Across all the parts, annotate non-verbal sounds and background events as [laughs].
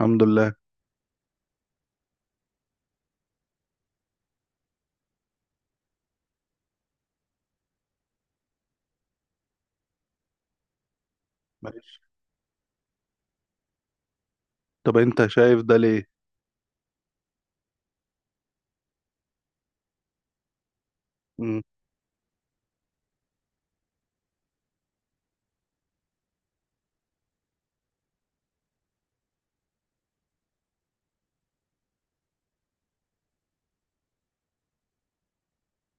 الحمد لله. ماشي. طب انت شايف ده ليه؟ مم.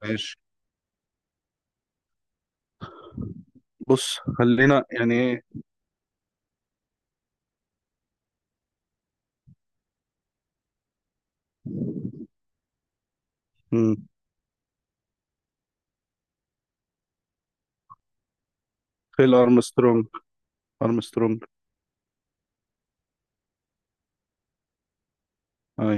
ماشي. بص، خلينا يعني ايه. مم. فيل ارمسترونج. ارمسترونج. اي.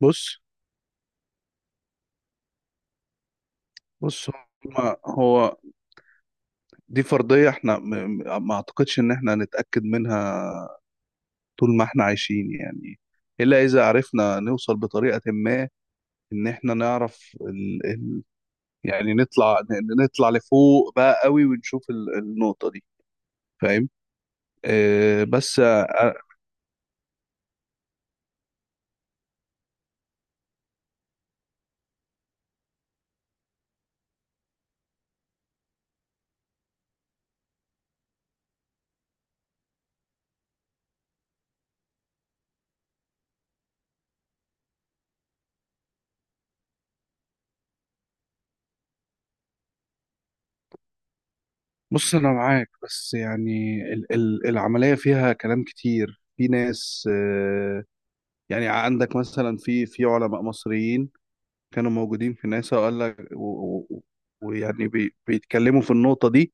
بص، بص، هما- هو دي فرضية احنا ما اعتقدش ان احنا هنتأكد منها طول ما احنا عايشين يعني، الا اذا عرفنا نوصل بطريقة ما ان احنا نعرف يعني نطلع لفوق بقى قوي ونشوف النقطة دي. فاهم؟ بس بص انا معاك، بس يعني ال ال العمليه فيها كلام كتير. في ناس، يعني عندك مثلا في علماء مصريين كانوا موجودين في ناسا، وقال لك ويعني بيتكلموا في النقطه دي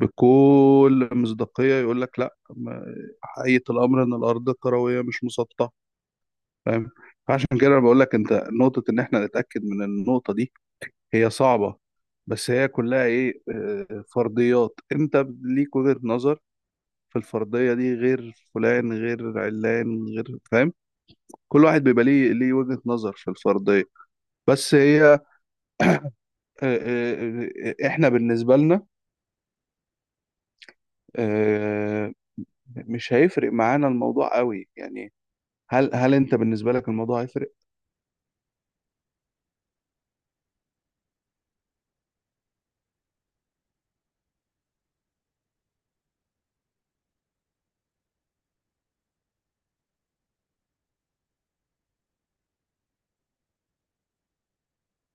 بكل مصداقيه، يقول لك لا، حقيقه الامر ان الارض كرويه مش مسطحه. فاهم؟ فعشان كده انا بقول لك انت، نقطه ان احنا نتاكد من النقطه دي هي صعبه، بس هي كلها ايه، فرضيات انت ليك وجهه نظر في الفردية دي، غير فلان غير علان غير. فاهم؟ كل واحد بيبقى ليه وجهة نظر في الفردية. بس هي آه، احنا بالنسبة لنا آه، مش هيفرق معانا الموضوع قوي يعني. هل انت بالنسبة لك الموضوع هيفرق؟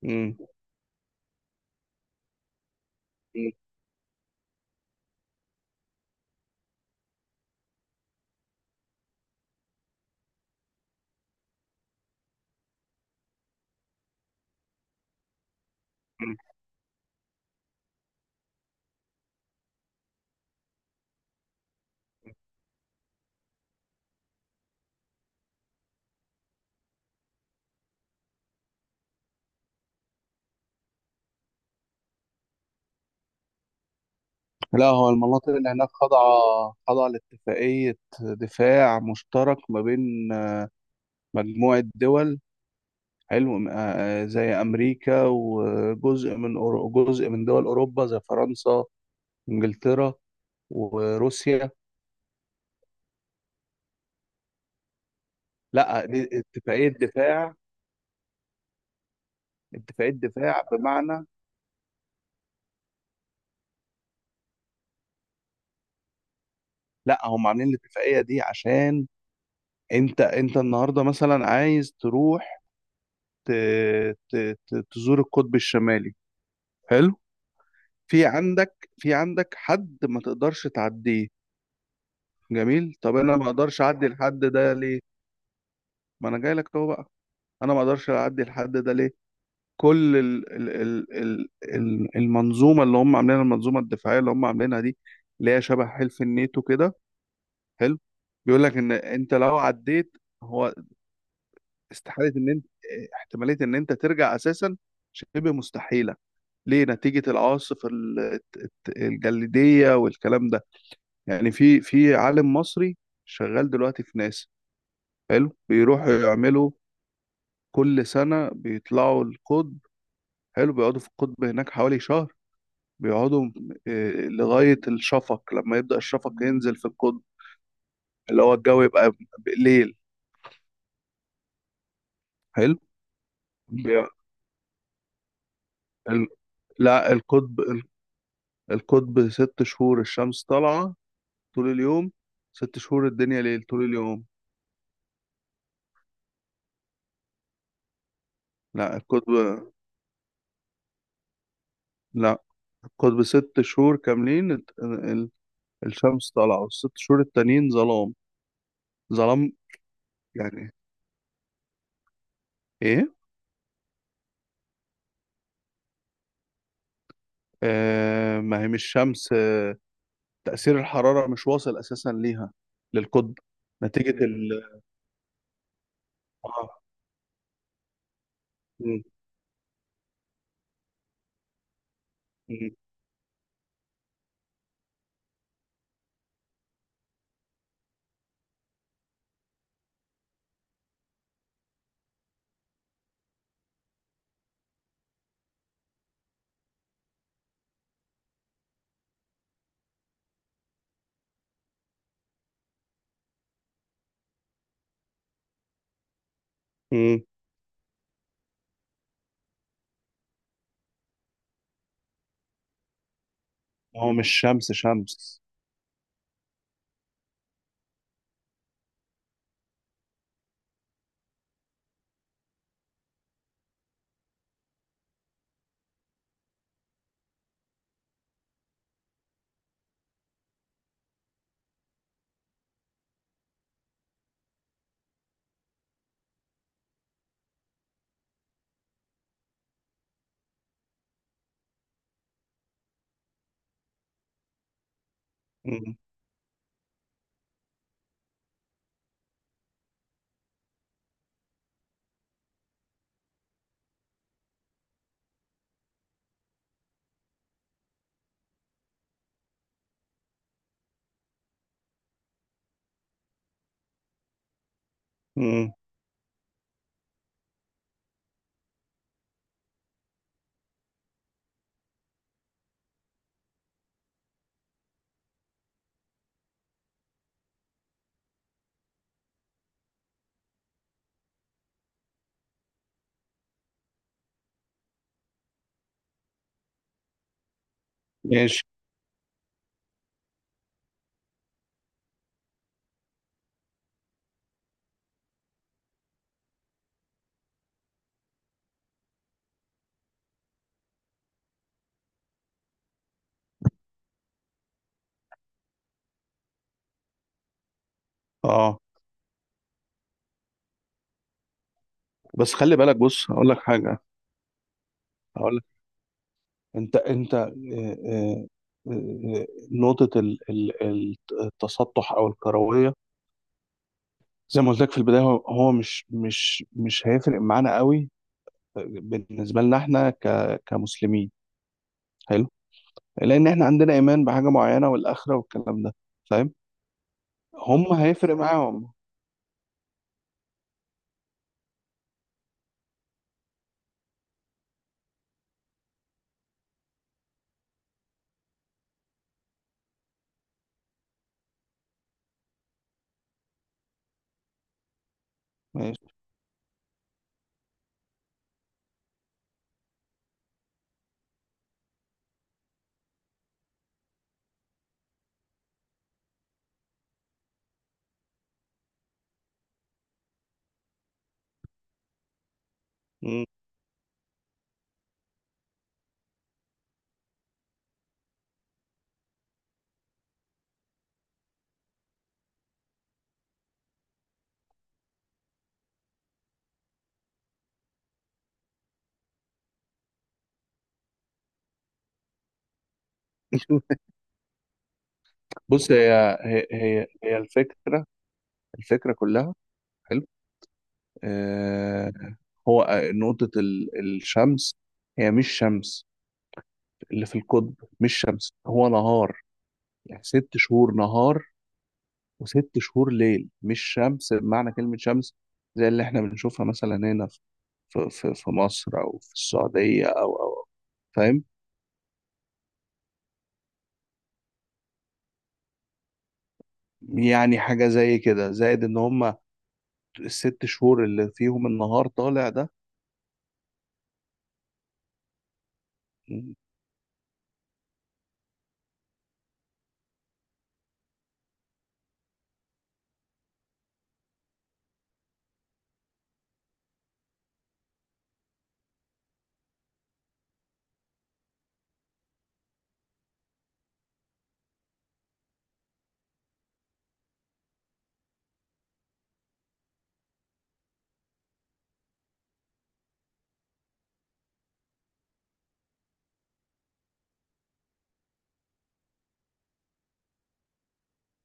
مم. مم. لا، هو المناطق اللي هناك خاضعة، خاضعة لاتفاقية دفاع مشترك ما بين مجموعة دول. حلو. زي أمريكا وجزء من جزء من دول أوروبا زي فرنسا، انجلترا، وروسيا. لا، دي اتفاقيه دفاع. اتفاقيه دفاع بمعنى. لا، هم عاملين الاتفاقيه دي عشان انت النهارده مثلا عايز تروح ت... ت... تزور القطب الشمالي. حلو. في عندك، حد ما تقدرش تعديه. جميل. طب انا ما اقدرش اعدي الحد ده ليه؟ ما انا جاي لك اهو بقى. انا ما اقدرش اعدي الحد ده ليه؟ كل المنظومه اللي هم عاملينها، المنظومه الدفاعيه اللي هم عاملينها دي، اللي هي شبه حلف الناتو كده. حلو. بيقول لك ان انت لو عديت، هو استحاله ان انت، احتماليه ان انت ترجع اساسا شبه مستحيله. ليه؟ نتيجه العواصف الجليديه والكلام ده. يعني في عالم مصري شغال دلوقتي في ناسا، حلو، بيروحوا يعملوا كل سنه بيطلعوا القطب. حلو. بيقعدوا في القطب هناك حوالي شهر. بيقعدوا لغاية الشفق، لما يبدأ الشفق ينزل في القطب، اللي هو الجو يبقى ليل. حلو. بي- ال- لا القطب. القطب ست شهور الشمس طالعة طول اليوم، ست شهور الدنيا ليل طول اليوم. لا، القطب. لا، القطب ست شهور كاملين، الشمس طالعة، والست شهور التانيين ظلام، ظلام. يعني، ايه. آه، ما هي مش شمس. تأثير الحرارة مش واصل أساسا ليها، للقطب. نتيجة. اه. مم. مم. مم. هو مش شمس شمس. مم. مم. ماشي. اه، بس خلي بالك، بص هقول لك حاجه. هقول لك. انت انت آه، آه، آه، آه، نقطه التسطح او الكرويه، زي ما قلت لك في البدايه، هو هو مش مش هيفرق معانا قوي. بالنسبه لنا، احنا كمسلمين حلو، لان احنا عندنا ايمان بحاجه معينه والاخره والكلام ده. فاهم؟ هم هيفرق معاهم. ماشي. [laughs] بص، هي الفكرة الفكرة كلها. حلو. آه. هو نقطة الشمس هي مش شمس، اللي في القطب. مش شمس، هو نهار، يعني ست شهور نهار وست شهور ليل. مش شمس بمعنى كلمة شمس، زي اللي احنا بنشوفها مثلا هنا في في مصر أو في السعودية أو فاهم؟ يعني حاجة زي كده، زائد إن هما الست شهور اللي فيهم النهار طالع ده،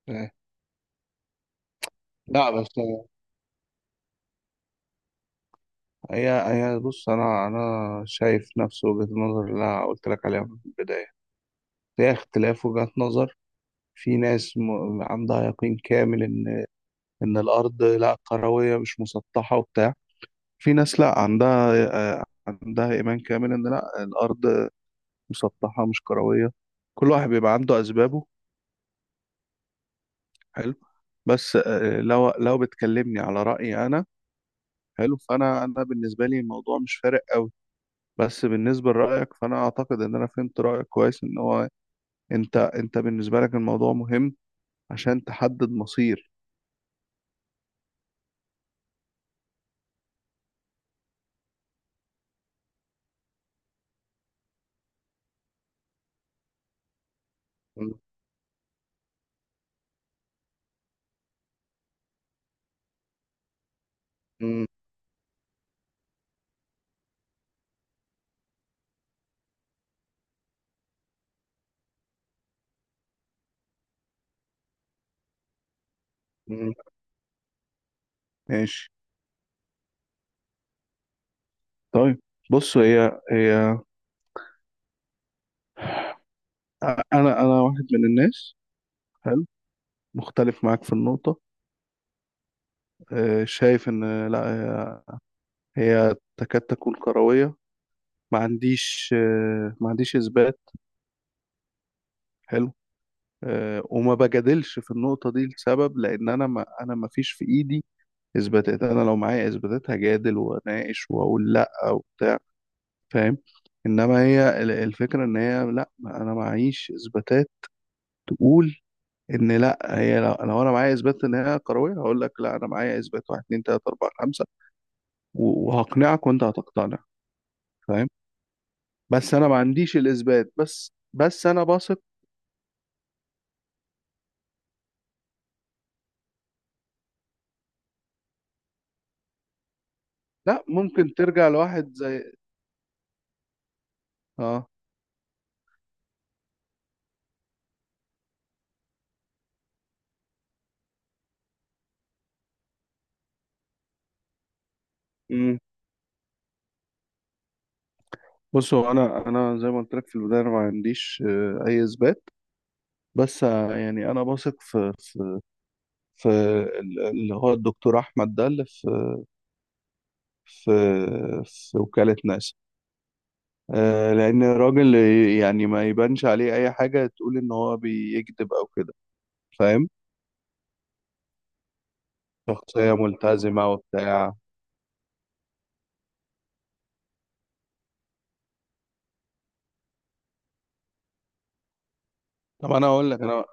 آه، لا بس هي بص انا شايف نفس وجهة النظر اللي انا قلت لك عليها من البداية، هي اختلاف وجهات نظر. في ناس عندها يقين كامل ان الارض لا كروية مش مسطحة وبتاع، في ناس لا عندها عندها ايمان كامل ان لا الارض مسطحة مش كروية. كل واحد بيبقى عنده اسبابه. حلو. بس لو بتكلمني على رأيي انا، حلو، فانا، بالنسبة لي الموضوع مش فارق قوي. بس بالنسبة لرأيك، فأنا أعتقد إن أنا فهمت رأيك كويس، إن هو أنت بالنسبة لك الموضوع مهم عشان تحدد مصير. م- م- م- ماشي طيب بص. هي أنا واحد من الناس، حلو، مختلف معاك في النقطة. شايف إن لا هي تكاد تكون كروية. ما عنديش ما عنديش إثبات. حلو. وما بجادلش في النقطة دي لسبب، لأن أنا ما، أنا ما فيش في إيدي اثباتات. انا لو معايا اثباتات هجادل واناقش واقول لا وبتاع. فاهم؟ انما هي الفكره ان هي لا، ما انا معيش اثباتات تقول ان لا هي. لو، لو انا معايا اثبات ان هي كرويه، هقول لك لا انا معايا اثبات، واحد اتنين تلاته اربعه خمسه، وهقنعك وانت هتقتنع. فاهم؟ بس انا ما عنديش الاثبات. بس انا بثق. لا، ممكن ترجع لواحد زي. اه. امم بصوا انا زي ما قلت لك في البدايه، انا ما عنديش اي اثبات، بس يعني انا بثق في، في اللي هو الدكتور احمد ده اللي في في وكالة ناسا. لان الراجل يعني ما يبانش عليه اي حاجة تقول ان هو بيكذب او كده. فاهم؟ شخصية ملتزمة وبتاع. طب انا اقول لك انا،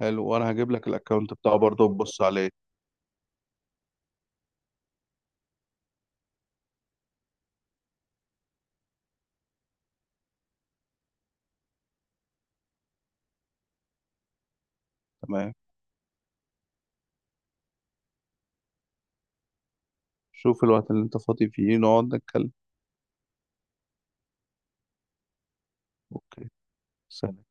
حلو، وانا هجيب لك الاكونت بتاعه برضه تبص عليه. تمام. شوف الوقت اللي انت فاضي فيه نقعد نتكلم. اوكي. سلام.